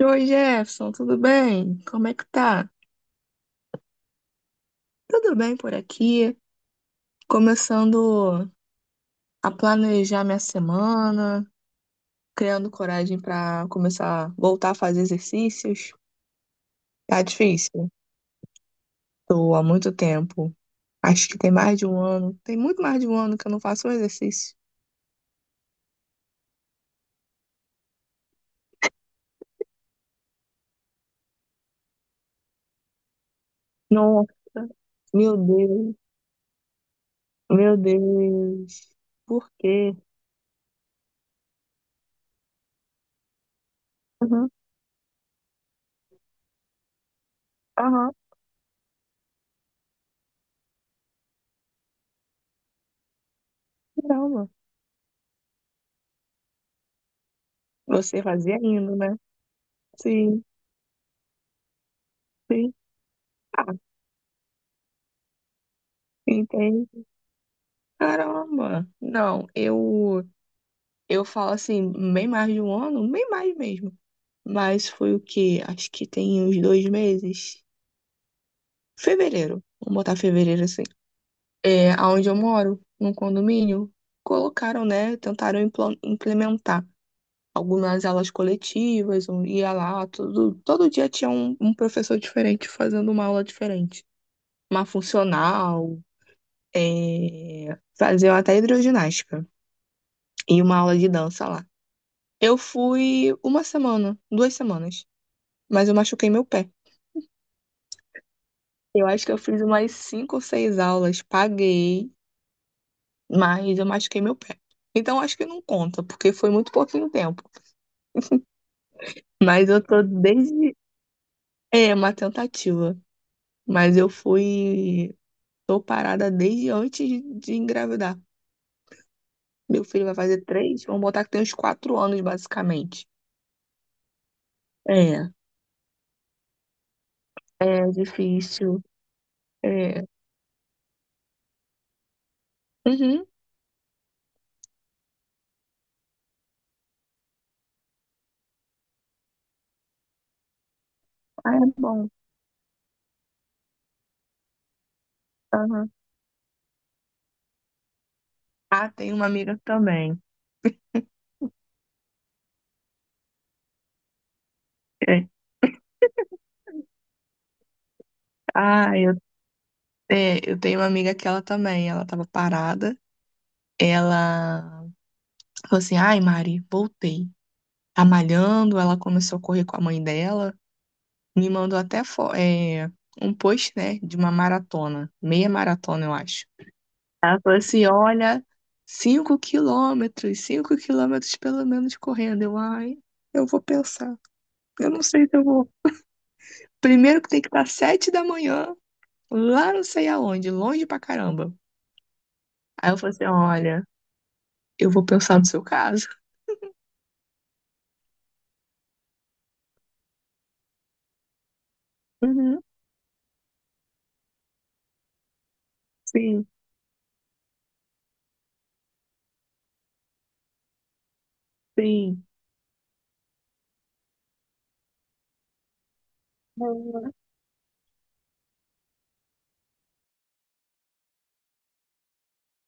Oi, Jefferson, tudo bem? Como é que tá? Tudo bem por aqui? Começando a planejar minha semana, criando coragem para começar a voltar a fazer exercícios. Tá difícil. Tô há muito tempo. Acho que tem mais de um ano. Tem muito mais de um ano que eu não faço um exercício. Nossa, meu Deus, meu Deus. Por quê? Aham, aham. Não, mano. Você fazia ainda, né? Sim, sim. Ah, entendi. Caramba! Não, eu falo assim, bem mais de um ano, bem mais mesmo. Mas foi o quê? Acho que tem uns 2 meses. Fevereiro. Vamos botar fevereiro assim. É, aonde eu moro, num condomínio, colocaram, né? Tentaram implementar algumas aulas coletivas, um ia lá, tudo, todo dia tinha um professor diferente fazendo uma aula diferente. Uma funcional, é, faziam até hidroginástica e uma aula de dança lá. Eu fui uma semana, 2 semanas, mas eu machuquei meu pé. Eu acho que eu fiz umas 5 ou 6 aulas, paguei, mas eu machuquei meu pé. Então acho que não conta, porque foi muito pouquinho tempo. Mas eu tô desde. É uma tentativa, mas eu fui. Tô parada desde antes de engravidar. Meu filho vai fazer três, vamos botar que tem uns 4 anos, basicamente. É, é difícil. É. Uhum. Ah, é bom. Aham. Ah, tem uma amiga também. É. Ah, eu tenho uma amiga que ela também, ela tava parada, ela falou assim, ai Mari, voltei. Tá malhando, ela começou a correr com a mãe dela, me mandou até um post, né, de uma maratona, meia maratona, eu acho. Ela falou assim, olha, 5 quilômetros, 5 quilômetros pelo menos correndo. Eu, ai, eu vou pensar, eu não sei se eu vou. Primeiro que tem que estar 7 da manhã, lá não sei aonde, longe pra caramba. Aí eu falei assim, olha, eu vou pensar no seu caso. Uhum, sim, sim. Uhum,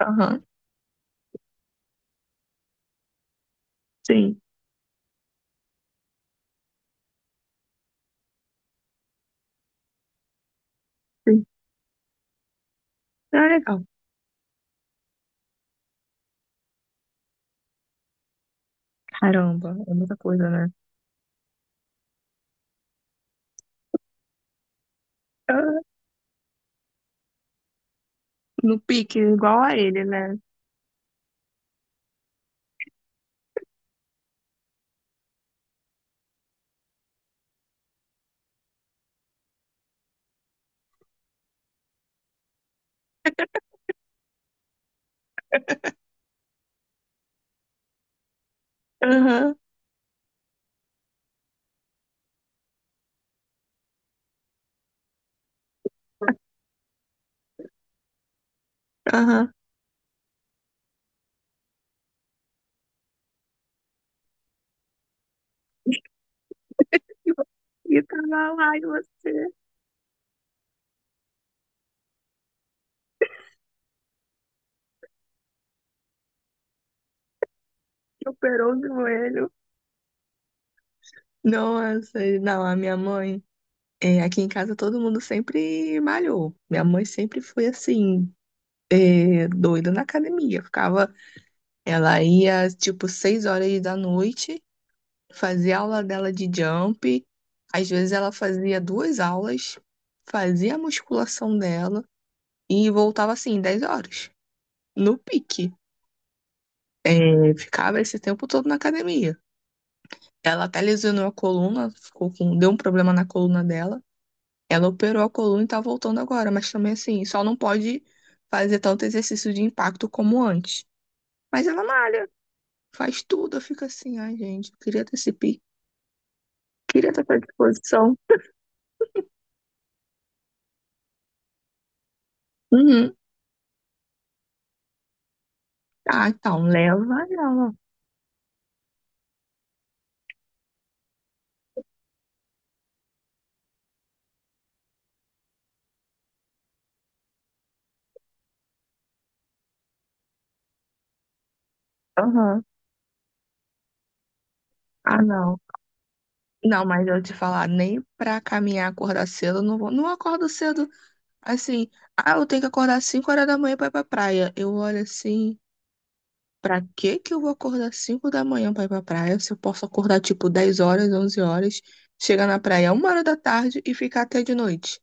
aham, sim, sim. Ah, legal. Caramba, é muita coisa, né? Ah, no pique, igual a ele, né? Aham, aham. E vo- E tava lá, e você que operou o joelho. Nossa, não, a minha mãe, é, aqui em casa todo mundo sempre malhou. Minha mãe sempre foi assim, é, doida na academia. Ficava, ela ia tipo 6 horas da noite, fazia aula dela de jump, às vezes ela fazia 2 aulas, fazia a musculação dela e voltava assim, 10 horas, no pique. É, ficava esse tempo todo na academia. Ela até lesionou a coluna, ficou com, deu um problema na coluna dela. Ela operou a coluna e tá voltando agora, mas também assim, só não pode fazer tanto exercício de impacto como antes. Mas ela malha, faz tudo, eu fico assim, ai gente, eu queria ter esse pique, queria ter essa disposição. Uhum. Ah, então, leva ela. Aham. Ah, não. Não, mas eu te falar, nem pra caminhar, acordar cedo, eu não vou. Não acordo cedo, assim. Ah, eu tenho que acordar 5 horas da manhã pra ir pra praia. Eu olho assim, pra que que eu vou acordar 5 da manhã pra ir pra praia? Se eu posso acordar, tipo, 10 horas, 11 horas, chegar na praia 1 hora da tarde e ficar até de noite.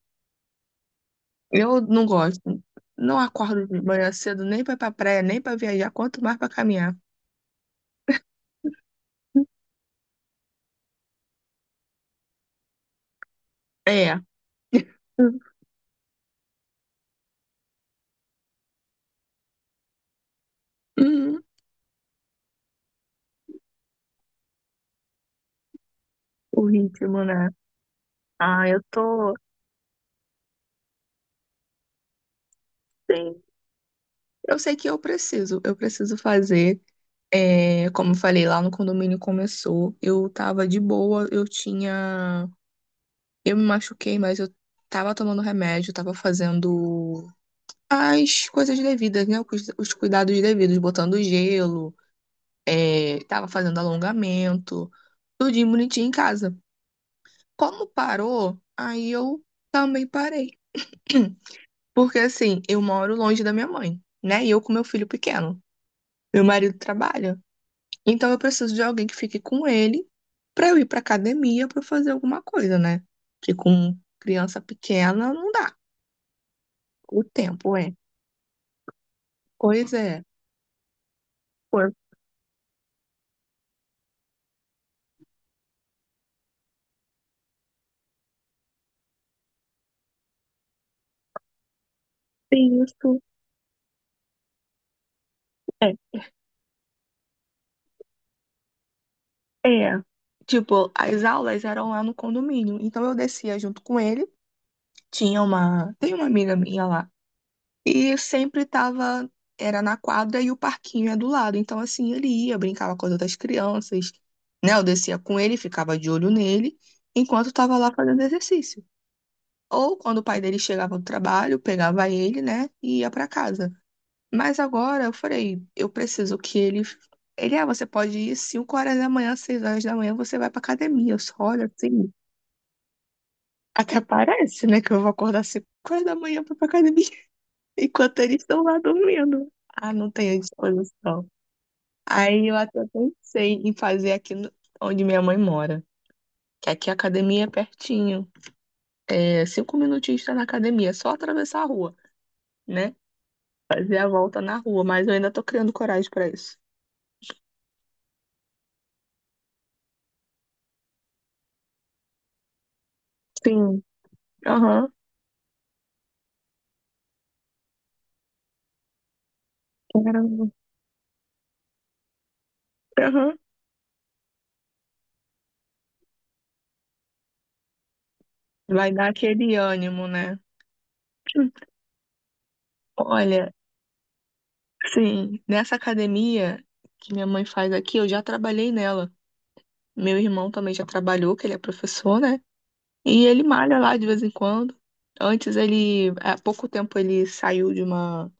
Eu não gosto. Não acordo de manhã cedo nem pra ir pra praia, nem pra viajar, quanto mais pra caminhar. É. O ritmo, né? Ah, eu tô. Sim. Eu sei que eu preciso fazer. É, como eu falei, lá no condomínio começou. Eu tava de boa, eu tinha. Eu me machuquei, mas eu tava tomando remédio, tava fazendo as coisas devidas, né? Os cuidados devidos, botando gelo, é, tava fazendo alongamento, tudinho bonitinho em casa. Como parou, aí eu também parei. Porque assim, eu moro longe da minha mãe, né? E eu com meu filho pequeno. Meu marido trabalha. Então eu preciso de alguém que fique com ele pra eu ir pra academia pra eu fazer alguma coisa, né? Que com criança pequena não dá. O tempo é. Pois é. Por isso. É. É. Tipo, as aulas eram lá no condomínio. Então eu descia junto com ele. Tinha uma. Tem uma amiga minha lá. E sempre tava, era na quadra e o parquinho é do lado. Então, assim, ele ia, brincava com as outras crianças, né? Eu descia com ele, ficava de olho nele, enquanto estava lá fazendo exercício. Ou quando o pai dele chegava do trabalho, pegava ele, né? E ia para casa. Mas agora eu falei, eu preciso que ele. Ele, ah, você pode ir 5 horas da manhã, 6 horas da manhã, você vai pra academia. Eu só olho assim. Até parece, né? Que eu vou acordar 5 horas da manhã pra ir pra academia. Enquanto eles estão lá dormindo. Ah, não tenho disposição. Aí eu até pensei em fazer aqui no- onde minha mãe mora, que aqui a academia é pertinho. É, cinco minutinhos está na academia, é só atravessar a rua, né? Fazer a volta na rua, mas eu ainda tô criando coragem para isso. Sim, aham, caramba, aham. Vai dar aquele ânimo, né? Olha, sim, nessa academia que minha mãe faz aqui, eu já trabalhei nela. Meu irmão também já trabalhou, que ele é professor, né? E ele malha lá de vez em quando. Antes ele, há pouco tempo ele saiu de uma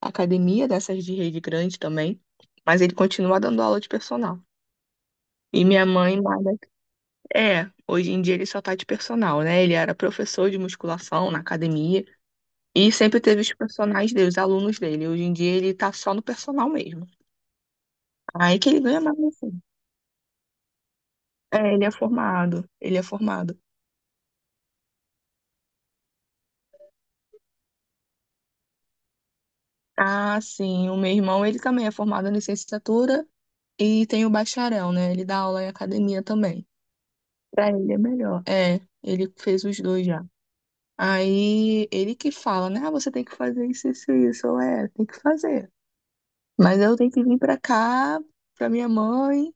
academia dessas de rede grande também, mas ele continua dando aula de personal. E minha mãe malha. É, hoje em dia ele só tá de personal, né? Ele era professor de musculação na academia e sempre teve os personagens dele, os alunos dele. Hoje em dia ele tá só no personal mesmo. Aí que ele ganha mais assim. É, ele é formado, ele é formado. Ah, sim, o meu irmão, ele também é formado em licenciatura. E tem o bacharel, né? Ele dá aula em academia também. Pra ele é melhor. É, ele fez os dois já. Aí ele que fala, né? Ah, você tem que fazer isso, isso, isso. Tem que fazer. Mas eu tenho que vir pra cá, pra minha mãe.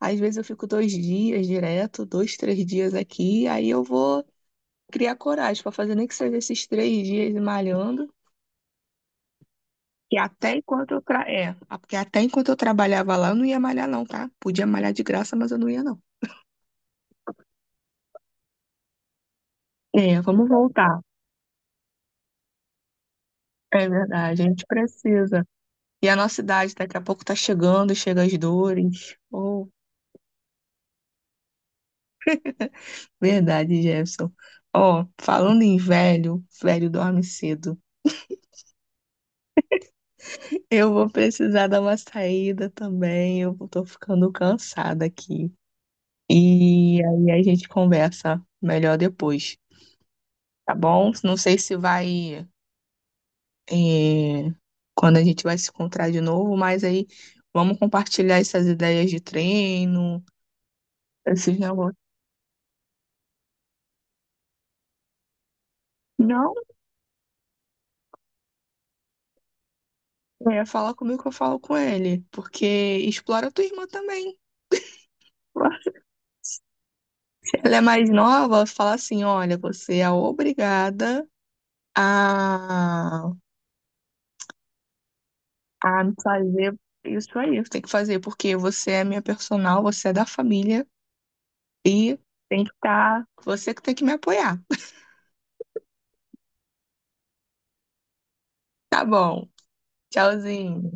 Às vezes eu fico 2 dias direto, dois, 3 dias aqui. Aí eu vou criar coragem pra fazer nem que seja esses 3 dias malhando. Que até enquanto eu tra... é, Porque até enquanto eu trabalhava lá, eu não ia malhar, não, tá? Podia malhar de graça, mas eu não ia, não. É, vamos voltar. É verdade, a gente precisa. E a nossa idade daqui a pouco tá chegando, chega as dores. Oh, verdade, Jefferson. Ó, falando em velho, velho dorme cedo. Eu vou precisar dar uma saída também, eu tô ficando cansada aqui. E aí a gente conversa melhor depois, tá bom? Não sei se vai, eh, quando a gente vai se encontrar de novo, mas aí vamos compartilhar essas ideias de treino, esses negócios. Não. É, fala comigo que eu falo com ele, porque explora tua irmã também. Ela é mais nova, fala assim, olha, você é obrigada a, a fazer isso aí, você tem que fazer, porque você é minha personal, você é da família e tem que estar, você que tem que me apoiar. Tá bom, tchauzinho.